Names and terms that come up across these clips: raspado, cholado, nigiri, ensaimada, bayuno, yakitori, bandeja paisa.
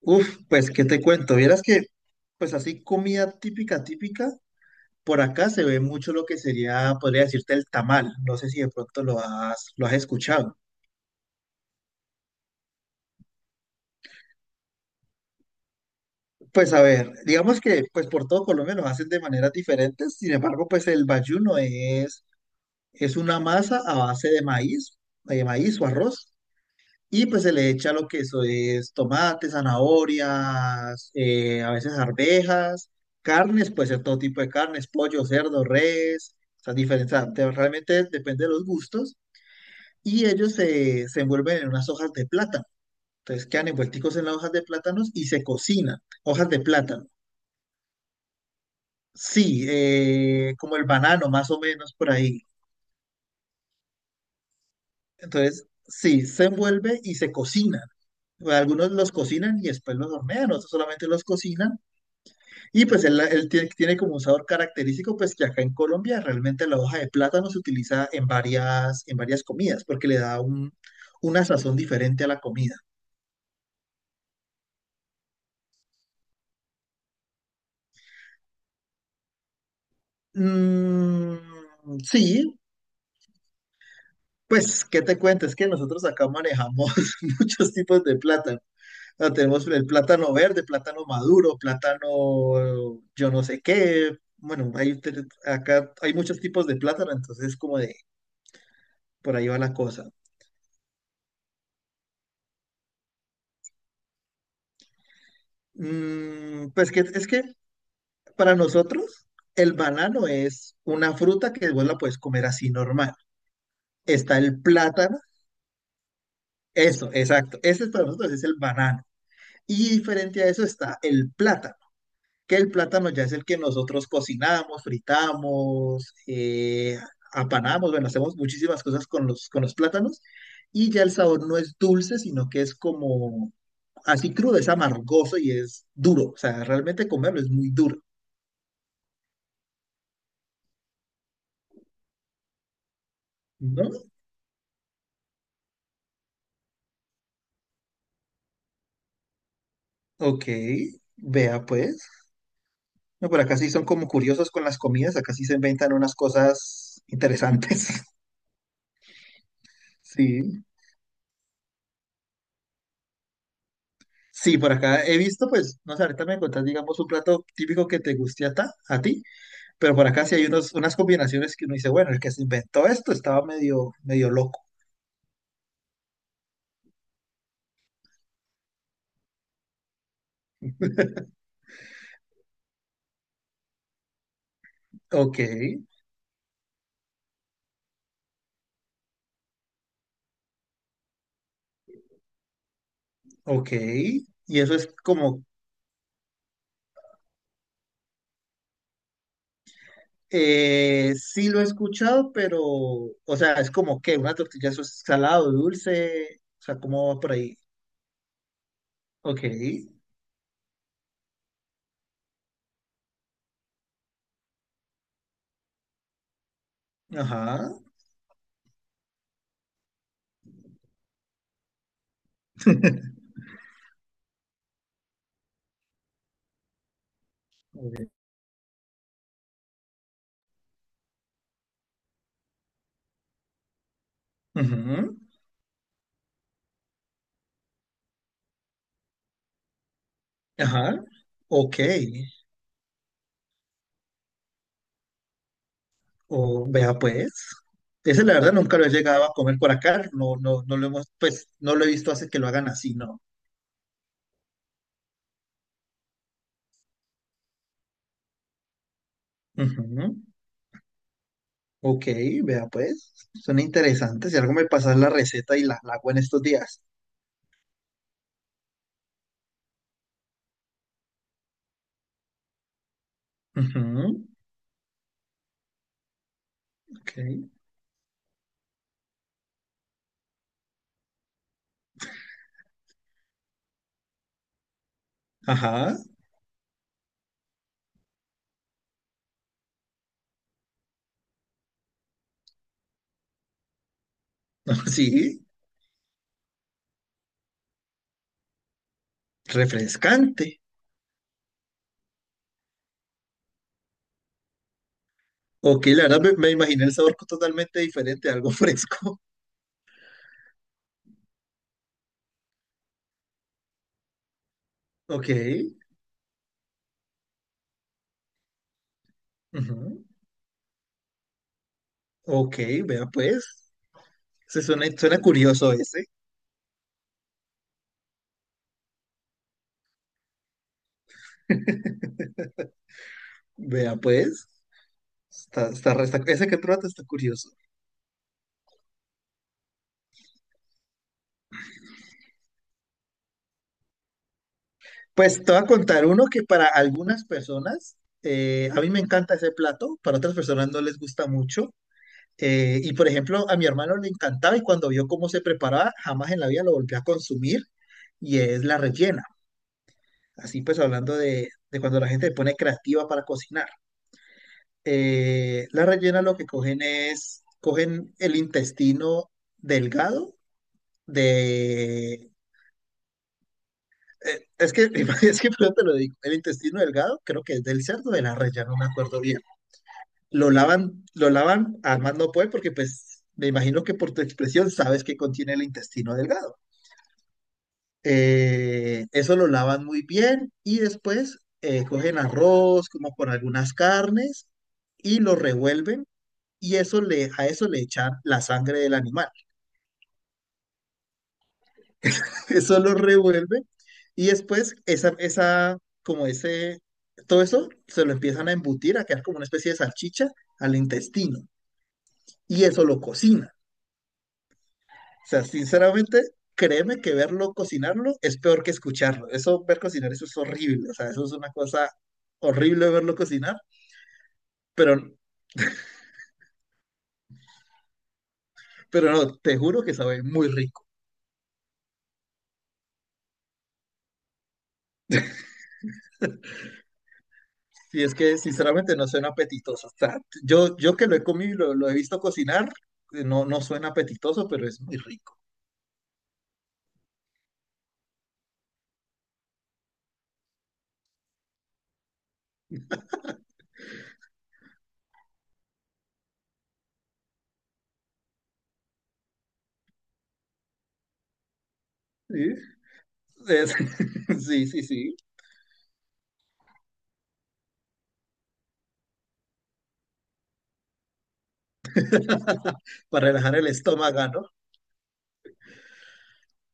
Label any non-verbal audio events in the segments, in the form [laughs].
Uf, pues, ¿qué te cuento? Vieras que, pues así, comida típica, típica, por acá se ve mucho lo que sería, podría decirte, el tamal. No sé si de pronto lo has escuchado. Pues a ver, digamos que, pues por todo Colombia lo hacen de maneras diferentes, sin embargo, pues el bayuno es una masa a base de maíz o arroz. Y pues se le echa lo que eso es tomate, zanahorias, a veces arvejas, carnes, puede ser todo tipo de carnes, pollo, cerdo, res, o sea, diferente, o sea, realmente depende de los gustos. Y ellos se envuelven en unas hojas de plátano. Entonces quedan envuelticos en las hojas de plátanos y se cocinan. Hojas de plátano. Sí, como el banano, más o menos por ahí. Entonces, sí, se envuelve y se cocina. Algunos los cocinan y después los hornean, otros solamente los cocinan. Y pues él tiene, tiene como un sabor característico, pues que acá en Colombia realmente la hoja de plátano se utiliza en varias comidas, porque le da un, una sazón diferente a la comida. Mm, sí, pues, ¿qué te cuento? Es que nosotros acá manejamos [laughs] muchos tipos de plátano. O sea, tenemos el plátano verde, plátano maduro, plátano yo no sé qué. Bueno, hay, acá hay muchos tipos de plátano, entonces como de por ahí va la cosa. Mm, pues que es que para nosotros, el banano es una fruta que vos la puedes comer así normal. Está el plátano, eso, exacto. Ese es para nosotros es el banano. Y diferente a eso está el plátano, que el plátano ya es el que nosotros cocinamos, fritamos, apanamos, bueno, hacemos muchísimas cosas con los plátanos. Y ya el sabor no es dulce, sino que es como así crudo, es amargoso y es duro. O sea, realmente comerlo es muy duro, ¿no? Ok, vea pues. No, pero acá sí son como curiosos con las comidas, acá sí se inventan unas cosas interesantes. [laughs] Sí, sí, por acá he visto, pues, no sé, ahorita me contás, digamos, un plato típico que te guste a, a ti, pero por acá sí hay unos, unas combinaciones que uno dice, bueno, el que se inventó esto estaba medio, medio loco. Ok, ok, y eso es como, sí lo he escuchado, pero, o sea, es como que una tortilla, eso es salado, dulce, o sea, cómo va por ahí. Ok, ajá. [laughs] Ok. Ujú, ajá. Ok. O vea pues. Ese la verdad nunca lo he llegado a comer por acá. No, no, no lo hemos, pues no lo he visto hace que lo hagan así, no. Ujú, ok, vea pues. Son interesantes. Si algo me pasas la receta y la hago en estos días. Ujú, ok. Ajá. [laughs] Sí. Refrescante. Ok, la verdad me imaginé el sabor totalmente diferente, algo [laughs] fresco. Ok. Ujú, ok, vea pues. Se suena, suena curioso ese. Vea, pues, está, está, ese que trata está curioso. Pues te voy a contar uno que para algunas personas, a mí me encanta ese plato, para otras personas no les gusta mucho. Y por ejemplo, a mi hermano le encantaba y cuando vio cómo se preparaba, jamás en la vida lo volvió a consumir y es la rellena. Así pues, hablando de cuando la gente se pone creativa para cocinar. La rellena lo que cogen es, cogen el intestino delgado de, es que, [laughs] es que pero te lo digo, el intestino delgado creo que es del cerdo de la res, ya no me acuerdo bien. Lo lavan a más no puede porque pues me imagino que por tu expresión sabes que contiene el intestino delgado. Eso lo lavan muy bien y después cogen arroz como con algunas carnes y lo revuelven y eso le, a eso le echan la sangre del animal. Eso lo revuelve y después como ese, todo eso se lo empiezan a embutir, a quedar como una especie de salchicha al intestino y eso lo cocina. O sea, sinceramente, créeme que verlo cocinarlo es peor que escucharlo. Eso, ver cocinar, eso es horrible. O sea, eso es una cosa horrible verlo cocinar, pero, pero no, te juro que sabe muy rico. Y es que sinceramente no suena apetitoso. O sea, yo que lo he comido y lo he visto cocinar, no, no suena apetitoso, pero es muy rico. Sí, es- [laughs] sí, sí, sí. [laughs] Para relajar el estómago, ¿no?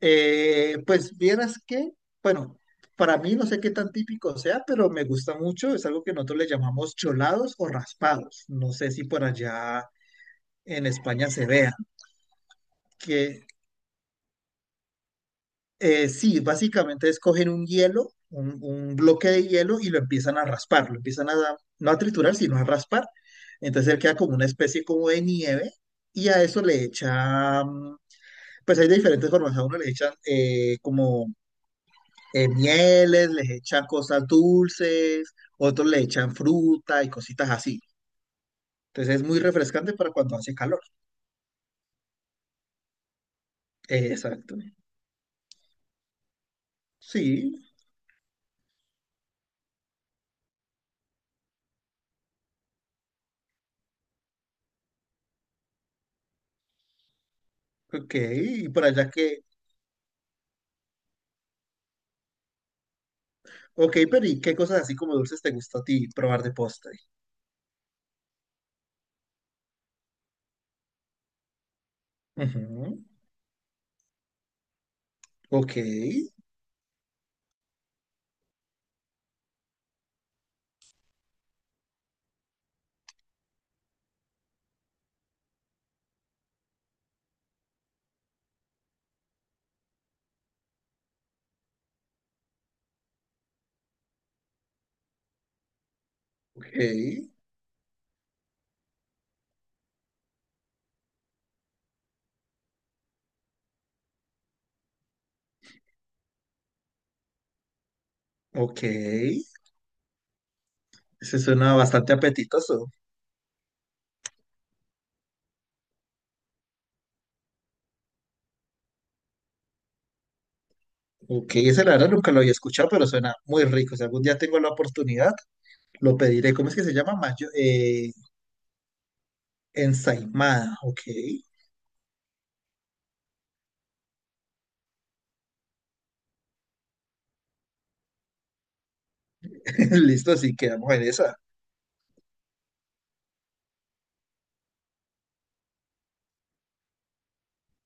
Pues vieras que, bueno, para mí no sé qué tan típico sea, pero me gusta mucho. Es algo que nosotros le llamamos cholados o raspados. No sé si por allá en España se vea. Que sí, básicamente es cogen un hielo, un bloque de hielo y lo empiezan a raspar. Lo empiezan a, no a triturar, sino a raspar. Entonces él queda como una especie como de nieve y a eso le echan pues hay de diferentes formas. A uno les echan como mieles, les echan cosas dulces, otros le echan fruta y cositas así. Entonces es muy refrescante para cuando hace calor. Exacto. Sí, ok. Y por allá que, ok, pero ¿y qué cosas así como dulces te gusta a ti probar de postre? Ujú. Ok, ok, ok. Ese suena bastante apetitoso. Ok, ese la verdad nunca lo había escuchado, pero suena muy rico. Si algún día tengo la oportunidad, lo pediré. ¿Cómo es que se llama? Ensaimada. Ok. [laughs] Listo, así quedamos en esa.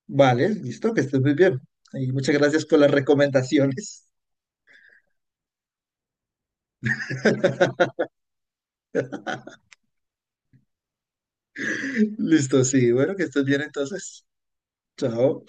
Vale, listo, que estés muy bien. Y muchas gracias por las recomendaciones. [laughs] Listo, sí. Bueno, que estés bien entonces. Chao.